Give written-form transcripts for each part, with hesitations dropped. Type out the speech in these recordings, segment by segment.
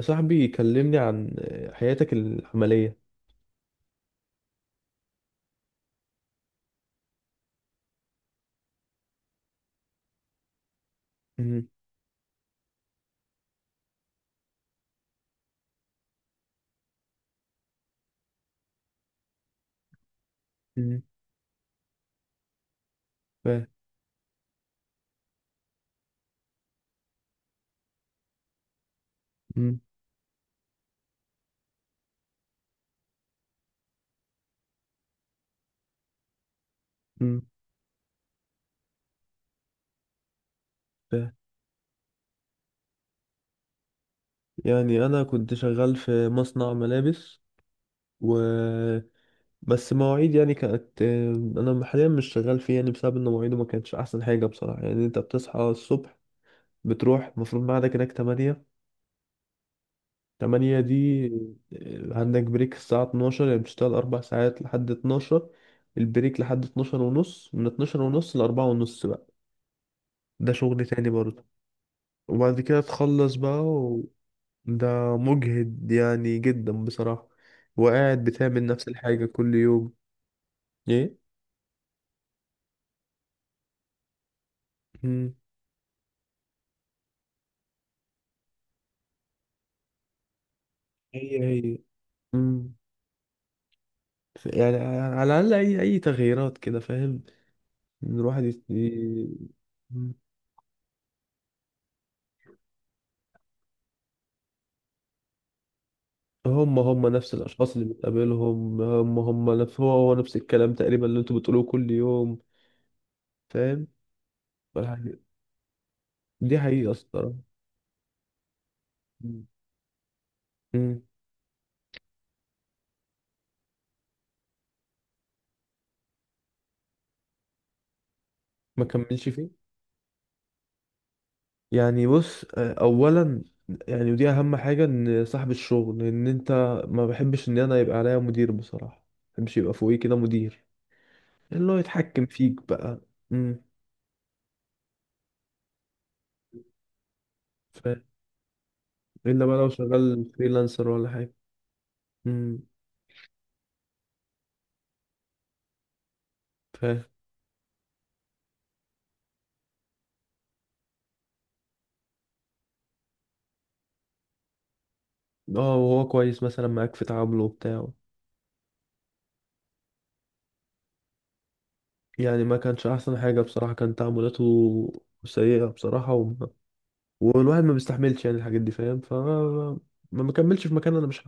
صاحبي كلمني عن حياتك العملية. مم. مم. ف... مم. مم. ف... يعني أنا كنت شغال في مصنع ملابس و بس مواعيد يعني كانت. أنا حاليا مش شغال فيه يعني بسبب إن مواعيده ما كانتش أحسن حاجة بصراحة. يعني أنت بتصحى الصبح، بتروح، المفروض ميعادك هناك 8. 8 دي، عندك بريك الساعة 12، يعني بتشتغل 4 ساعات لحد 12. البريك لحد 12 ونص، من 12 ونص لأربعة ونص بقى. ده شغل تاني برضه. وبعد كده تخلص بقى ده مجهد يعني جدا بصراحة. وقاعد بتعمل نفس الحاجة كل يوم. ايه. مم. هي هي. مم. يعني على الأقل أي تغييرات كده، فاهم، إن الواحد مم. هم هم نفس الأشخاص اللي بتقابلهم، هم هم نفس، هو هو نفس الكلام تقريبا اللي أنتوا بتقولوه كل يوم، فاهم. فالحاجة- دي حقيقة الصراحة. مم. مم. ما كملش فيه. يعني بص، اولا، يعني ودي اهم حاجه، ان صاحب الشغل، ان انت ما بحبش ان انا يبقى عليا مدير بصراحه، ما بحبش يبقى فوقي كده مدير، اللي هو يتحكم فيك بقى. امم فاهم. الا بقى لو شغال فريلانسر ولا حاجه. امم فاهم. اه وهو كويس مثلا معاك في تعامله بتاعه. يعني ما كانش احسن حاجه بصراحه، كان تعاملاته سيئه بصراحه، والواحد ما بيستحملش يعني الحاجات دي، فاهم. ما مكملش في مكان، انا مش.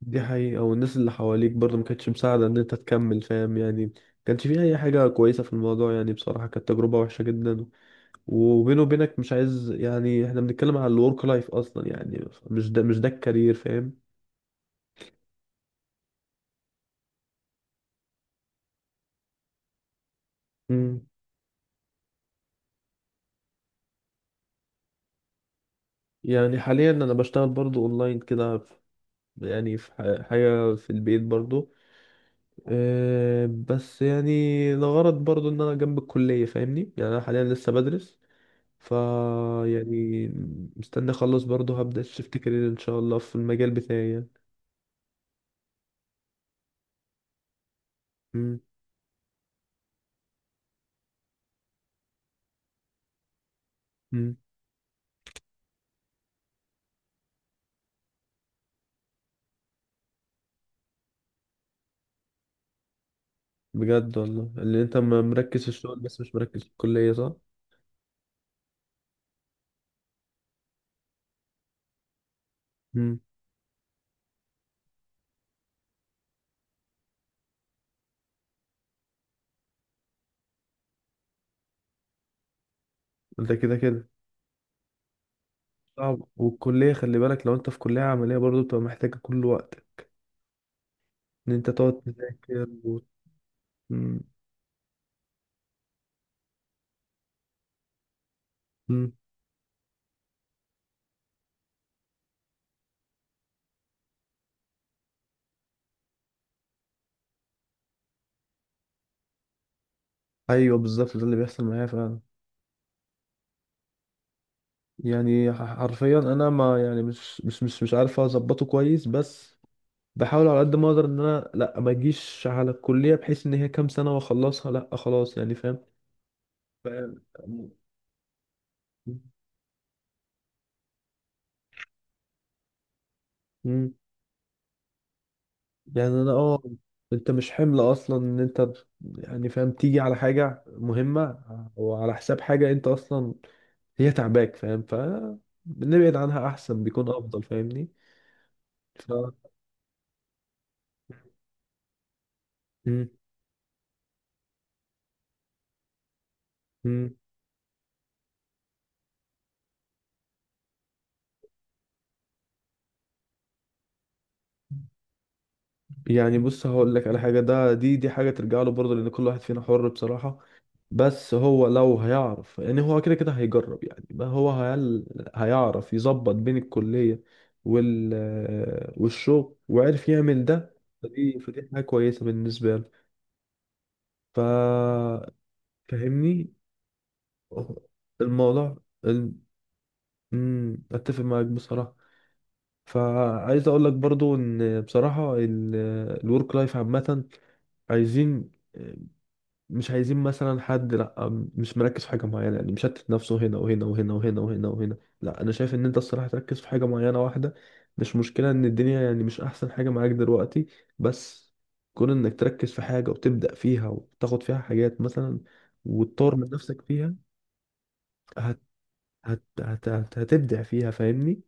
دي حقيقة، والناس اللي حواليك برضه ما كانتش مساعدة ان انت تكمل، فاهم. يعني ما كانش فيه اي حاجة كويسة في الموضوع، يعني بصراحة كانت تجربة وحشة جدا. وبيني وبينك، مش عايز يعني، احنا بنتكلم على الورك لايف اصلا، يعني مش ده الكارير، فاهم. امم يعني حاليا انا بشتغل برضه اونلاين كده يعني في حاجة في البيت برضه. أه بس يعني لغرض برضه ان انا جنب الكلية، فاهمني، يعني انا حاليا لسه بدرس. فا يعني مستني اخلص، برضه هبدأ شيفت كارير ان شاء الله في المجال بتاعي يعني. مم. مم. بجد والله، اللي انت مركز في الشغل بس مش مركز في الكلية، صح؟ مم. ده كده كده صعب، والكلية خلي بالك، لو انت في كلية عملية برضه بتبقى محتاجة كل وقت ان انت تقعد تذاكر مم. مم. ايوه بالظبط، ده اللي بيحصل معايا فعلا. يعني حرفيا انا، ما يعني مش عارف اظبطه كويس. بس بحاول على قد ما اقدر، ان انا لا، ما اجيش على الكليه، بحيث ان هي كام سنه واخلصها، لا خلاص، يعني فاهم. فاهم. مم. يعني انا انت مش حمل اصلا، ان انت يعني فاهم، تيجي على حاجه مهمه وعلى حساب حاجه انت اصلا هي تعباك، فاهم، فنبعد عنها احسن، بيكون افضل، فاهمني. ف مم. مم. يعني بص هقول لك على حاجه، ده دي دي حاجه ترجع له برضه، لان كل واحد فينا حر بصراحه. بس هو لو هيعرف، يعني هو كده كده هيجرب، يعني ما هو هيعرف يظبط بين الكلية وال... والشغل وعرف يعمل ده. فدي حاجة كويسة بالنسبة له. ف فاهمني. الموضوع ال... اتفق معاك بصراحة. فعايز اقول لك برضو، ان بصراحة الورك لايف عامة، عايزين مش عايزين مثلا حد. لا، مش مركز في حاجة معينة، يعني مشتت نفسه هنا وهنا وهنا وهنا وهنا وهنا. لا، أنا شايف إن أنت الصراحة تركز في حاجة معينة واحدة. مش مشكلة إن الدنيا يعني مش أحسن حاجة معاك دلوقتي، بس كون إنك تركز في حاجة وتبدأ فيها وتاخد فيها حاجات مثلا وتطور من نفسك فيها، هت... هتبدع فيها، فاهمني؟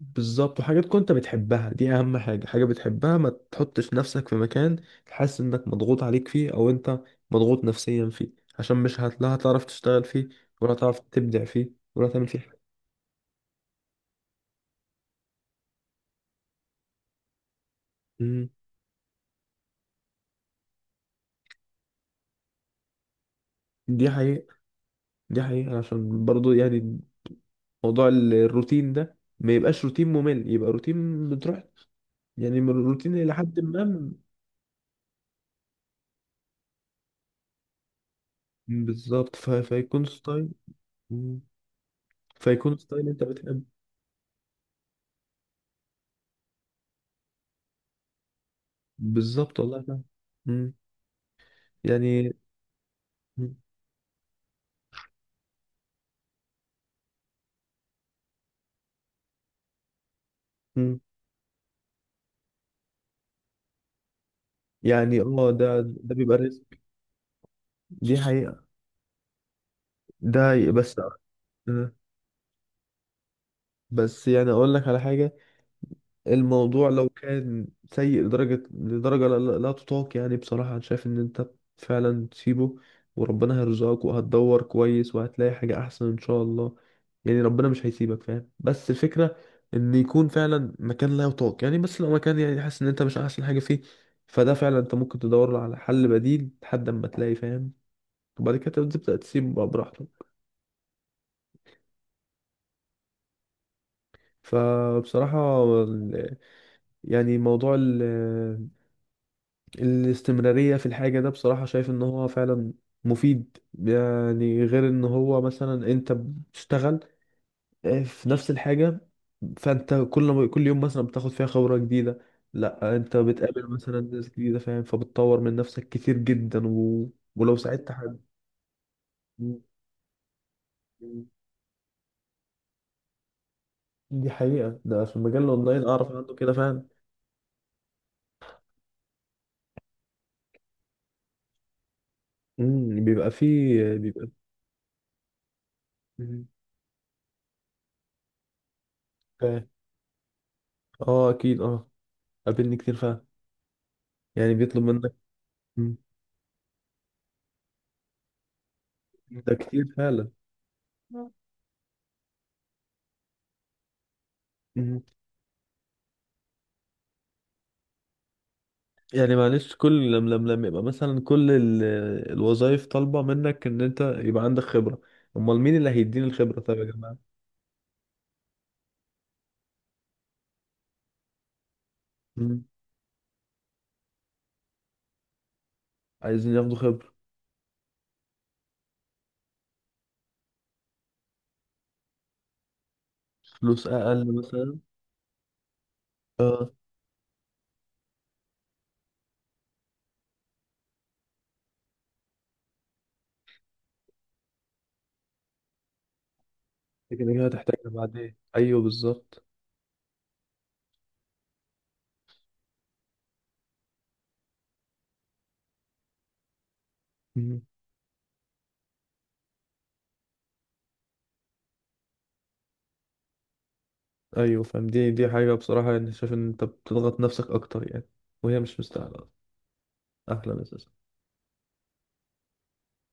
بالظبط. وحاجات كنت بتحبها، دي اهم حاجة، حاجة بتحبها. ما تحطش نفسك في مكان حاسس انك مضغوط عليك فيه او انت مضغوط نفسيا فيه، عشان مش هت- لا هتعرف تشتغل فيه، ولا هتعرف تبدع فيه ولا تعمل فيه حاجة. مم. دي حقيقة، دي حقيقة، عشان برضو يعني موضوع الروتين ده ما يبقاش روتين ممل، يبقى روتين بتروح يعني من الروتين الى حد ما بالظبط. فيكون ستايل. مم. فيكون ستايل انت بتحبه. بالظبط والله فعلا. مم. يعني. مم. مم. يعني ده بيبقى رزق. دي حقيقة. ده حقيقة. بس. آه. بس يعني اقول لك على حاجة، الموضوع لو كان سيء لدرجة لدرجة لا، لا لا تطاق، يعني بصراحة انا شايف ان انت فعلا تسيبه، وربنا هيرزقك وهتدور كويس وهتلاقي حاجة احسن ان شاء الله. يعني ربنا مش هيسيبك فاهم، بس الفكرة ان يكون فعلا مكان لا يطاق يعني. بس لو مكان يعني حاسس ان انت مش احسن حاجة فيه، فده فعلا انت ممكن تدور على حل بديل لحد اما تلاقي، فاهم، وبعد كده تبدأ تسيب بقى براحتك. فبصراحة يعني موضوع الاستمرارية في الحاجة ده، بصراحة شايف ان هو فعلا مفيد، يعني غير ان هو مثلا انت بتشتغل في نفس الحاجة، فانت كل ما كل يوم مثلا بتاخد فيها خبرة جديدة، لا انت بتقابل مثلا ناس جديدة، فاهم، فبتطور من نفسك كتير جدا ولو ساعدت حد، دي حقيقة. ده في المجال الاونلاين اعرف عنه كده فعلا. بيبقى فيه مم. فاهم. اه اكيد اه. قابلني كتير فعلا، يعني بيطلب منك. مم. ده كتير فعلا. مم. يعني معلش، كل لم يبقى مثلا كل الوظائف طالبة منك ان انت يبقى عندك خبرة. امال مين اللي هيديني الخبرة طيب يا جماعة. مم. عايزين ياخدوا خبرة، فلوس اقل مثلا. اه لكن هي هتحتاجها بعدين. ايوه بالظبط. مم. ايوه فاهم، دي حاجة بصراحة، يعني شايف ان انت بتضغط نفسك اكتر يعني وهي مش مستاهلة اصلا. احلى اساسا